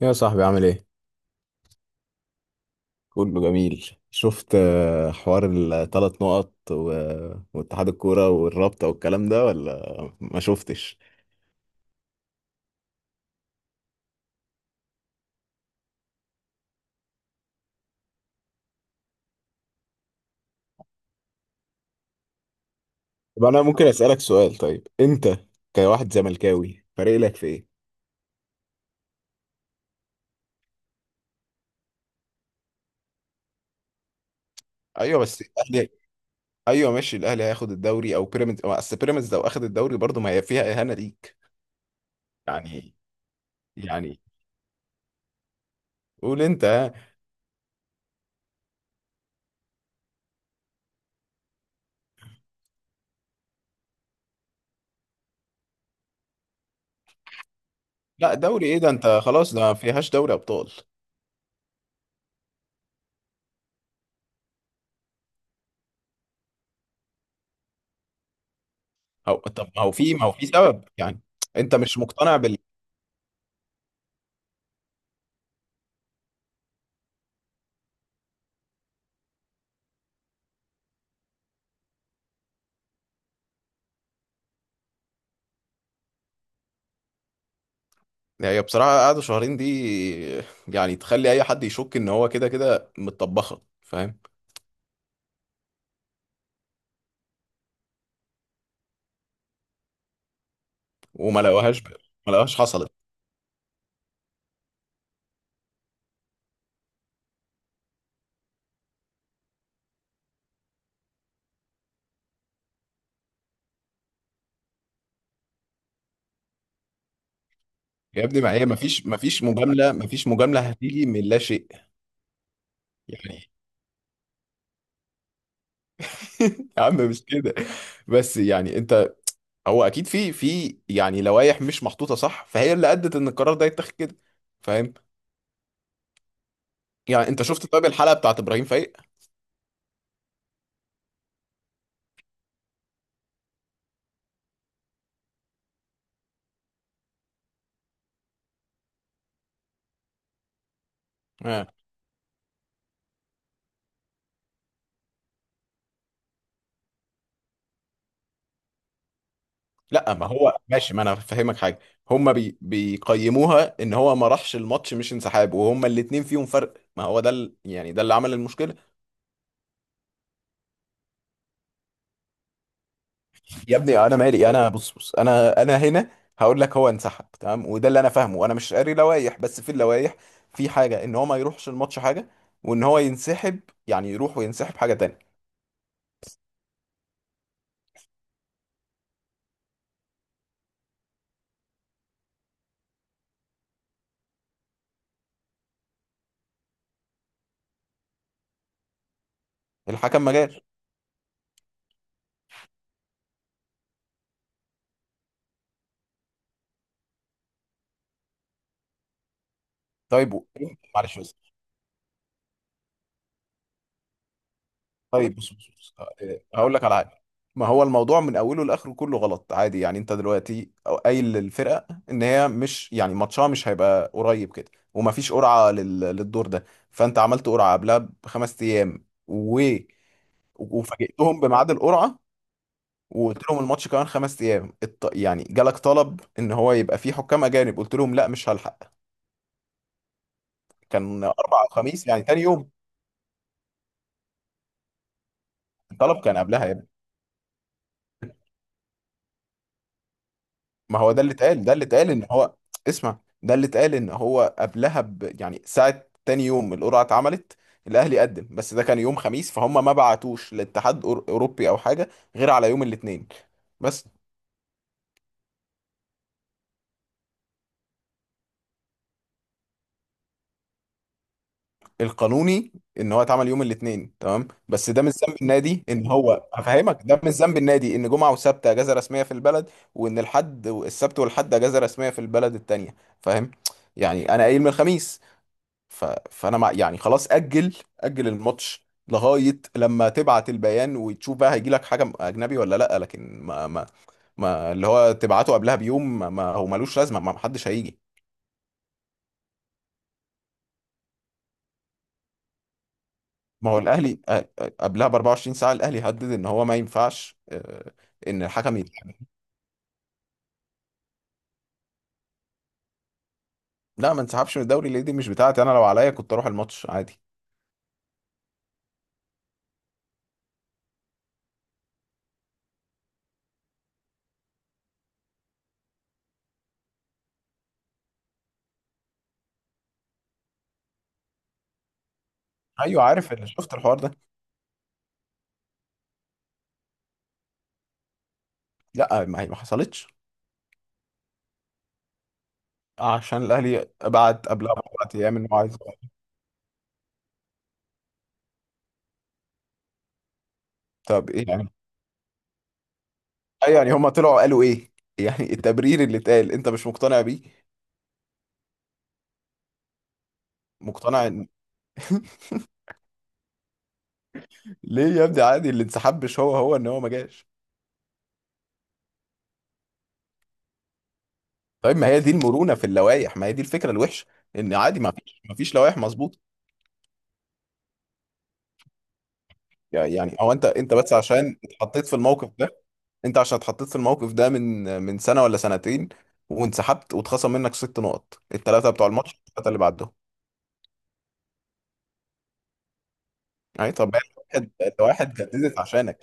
يا صاحبي عامل ايه؟ كله جميل شفت آه، حوار الثلاث نقط واتحاد الكورة والرابطة والكلام ده ولا ما شفتش. طب انا ممكن اسألك سؤال؟ طيب انت كواحد زملكاوي فارق لك في ايه؟ ايوه بس الاهلي. ايوه ماشي، الاهلي هياخد الدوري او بيراميدز، أو اصل بيراميدز لو اخد الدوري برضه ما هي فيها اهانه ليك. يعني يعني قول انت ها. لا دوري ايه ده؟ انت خلاص، ده ما فيهاش دوري ابطال. أو طب، ما هو في سبب يعني، انت مش مقتنع. يعني هي بصراحة قعدة شهرين دي يعني تخلي أي حد يشك إن هو كده كده متطبخة، فاهم؟ وما لقوهاش ب... ما لقوهاش حصلت. يا ابني، ما هي ما فيش مجاملة، ما فيش مجاملة هتيجي من لا شيء يعني. يا عم مش كده، بس يعني أنت، هو أكيد في يعني لوائح مش محطوطة صح، فهي اللي أدت إن القرار ده يتاخد كده، فاهم؟ يعني أنت شفت؟ طيب الحلقة بتاعت إبراهيم فايق آه. لا ما هو ماشي، ما انا فاهمك حاجه. هما بي بيقيموها ان هو ما راحش الماتش مش انسحاب، وهما الاتنين فيهم فرق، ما هو ده يعني ده اللي عمل المشكله. يا ابني انا مالي؟ انا بص، انا هنا هقول لك. هو انسحب تمام، وده اللي انا فاهمه، انا مش قاري لوائح، بس في اللوائح في حاجه ان هو ما يروحش الماتش حاجه، وان هو ينسحب يعني يروح وينسحب حاجه تانية. الحكم ما جاش. طيب معلش. طيب بص هقول لك على حاجه. ما هو الموضوع من اوله لاخره كله غلط عادي، يعني انت دلوقتي قايل للفرقه ان هي مش يعني ماتشها مش هيبقى قريب كده، ومفيش قرعه للدور ده. فانت عملت قرعه قبلها بخمس ايام وفاجئتهم بميعاد القرعه، وقلت لهم الماتش كمان خمس ايام يعني جالك طلب ان هو يبقى فيه حكام اجانب، قلت لهم لا مش هلحق. كان اربعة وخميس يعني تاني يوم، الطلب كان قبلها. ما هو ده اللي اتقال ان هو اسمع، ده اللي اتقال ان هو قبلها يعني ساعة تاني يوم القرعة اتعملت. الاهلي قدم، بس ده كان يوم خميس، فهم ما بعتوش لاتحاد اوروبي او حاجة غير على يوم الاثنين بس. القانوني ان هو اتعمل يوم الاثنين تمام، بس ده مش ذنب النادي ان هو هفهمك، ده مش ذنب النادي ان جمعة وسبت اجازة رسمية في البلد، وان الحد السبت والحد اجازة رسمية في البلد التانية، فاهم؟ يعني انا قايل من الخميس ف... فانا مع يعني خلاص اجل اجل الماتش لغايه لما تبعت البيان وتشوف بقى هيجي لك حاجه اجنبي ولا لا، لكن ما اللي هو تبعته قبلها بيوم هو ملوش لازمه، ما حدش هيجي. ما هو الاهلي قبلها ب 24 ساعه الاهلي هدد ان هو ما ينفعش، ان الحكم يت... لا ما انسحبش من الدوري ليه؟ دي مش بتاعتي انا، لو عليا كنت اروح الماتش عادي. ايوه عارف، اللي شفت الحوار ده. لا ما هي ما حصلتش، عشان الاهلي بعت قبلها باربع ايام انه عايز. طب ايه يعني؟ ايوه يعني هم طلعوا قالوا ايه؟ يعني التبرير اللي اتقال انت مش مقتنع بيه؟ مقتنع ان ليه يا ابني؟ عادي، اللي انسحب مش هو، هو ان هو ما جاش. طيب ما هي دي المرونه في اللوائح، ما هي دي الفكره الوحشه، ان عادي ما فيش لوائح مظبوطه. يعني هو انت بس عشان اتحطيت في الموقف ده. انت عشان اتحطيت في الموقف ده من سنه ولا سنتين، وانسحبت واتخصم منك ست نقط، الثلاثه بتوع الماتش، الثلاثه اللي بعدهم. يعني طب ما هي الواحد جددت عشانك.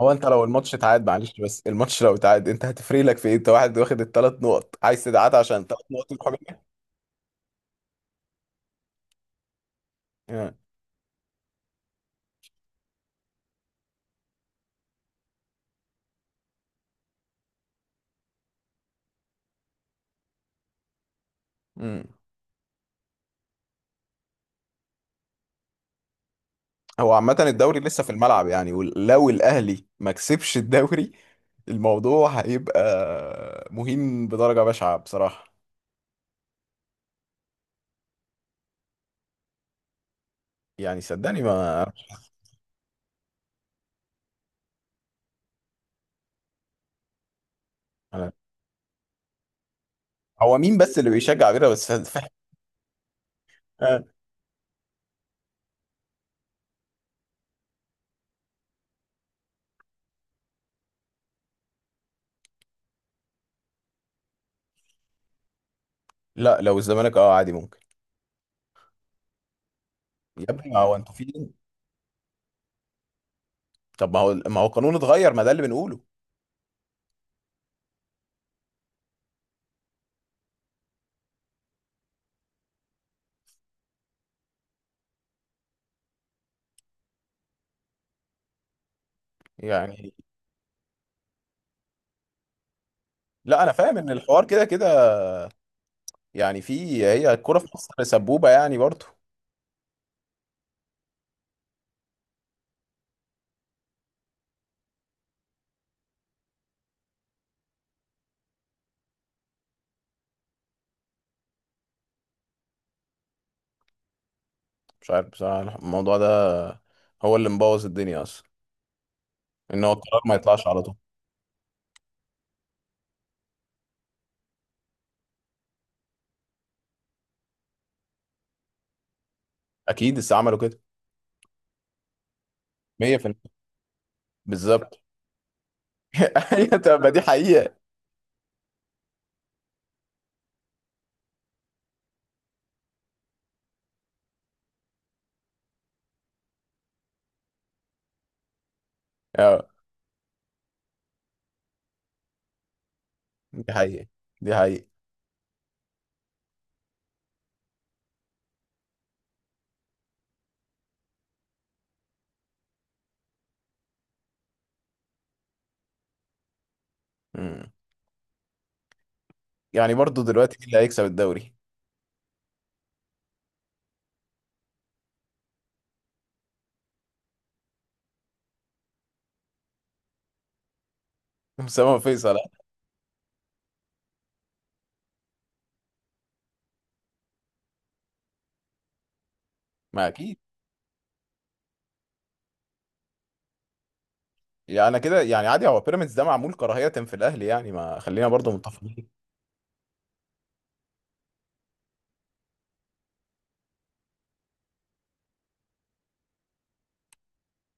هو انت لو الماتش اتعاد معلش، بس الماتش لو اتعاد انت هتفرق لك في ايه؟ انت واحد واخد الثلاث نقط عايز تتعاد عشان الثلاث نقط، الحكام. امم. هو عامة الدوري لسه في الملعب يعني، ولو الاهلي ما كسبش الدوري الموضوع هيبقى مهم بدرجة بشعة بصراحة. يعني صدقني ما انا. هو مين بس اللي بيشجع بيراميدز بس، فاهم؟ آه. لا لو الزمالك اه عادي ممكن. يا ابني ما هو انتوا فين؟ طب ما هو القانون اتغير، ما ده اللي بنقوله يعني. لا انا فاهم ان الحوار كده كده يعني، في هي الكوره في مصر سبوبه يعني برضه. مش عارف بصراحه، الموضوع ده هو اللي مبوظ الدنيا اصلا، ان هو القرار ما يطلعش على طول. اكيد لسه عملوا كده. 100% بالظبط. ايوه طب ما دي حقيقه. اه دي حقيقه، دي حقيقه. امم. يعني برضه دلوقتي مين اللي هيكسب الدوري؟ اسامه فيصل آه. ما اكيد. يعني انا كده يعني عادي، هو بيراميدز ده معمول كراهيه في الاهلي يعني، ما خلينا برضه متفقين.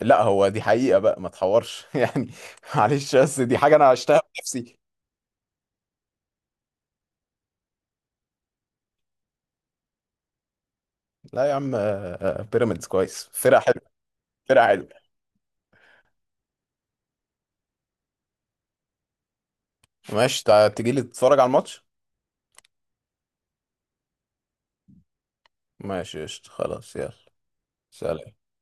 لا هو دي حقيقه بقى، ما تحورش يعني. معلش بس دي حاجه انا عشتها بنفسي. لا يا عم بيراميدز كويس، فرقة حلوة، فرقة حلوة. ماشي تجيلي تتفرج على الماتش. ماشي قشطة، خلاص يلا. سلام.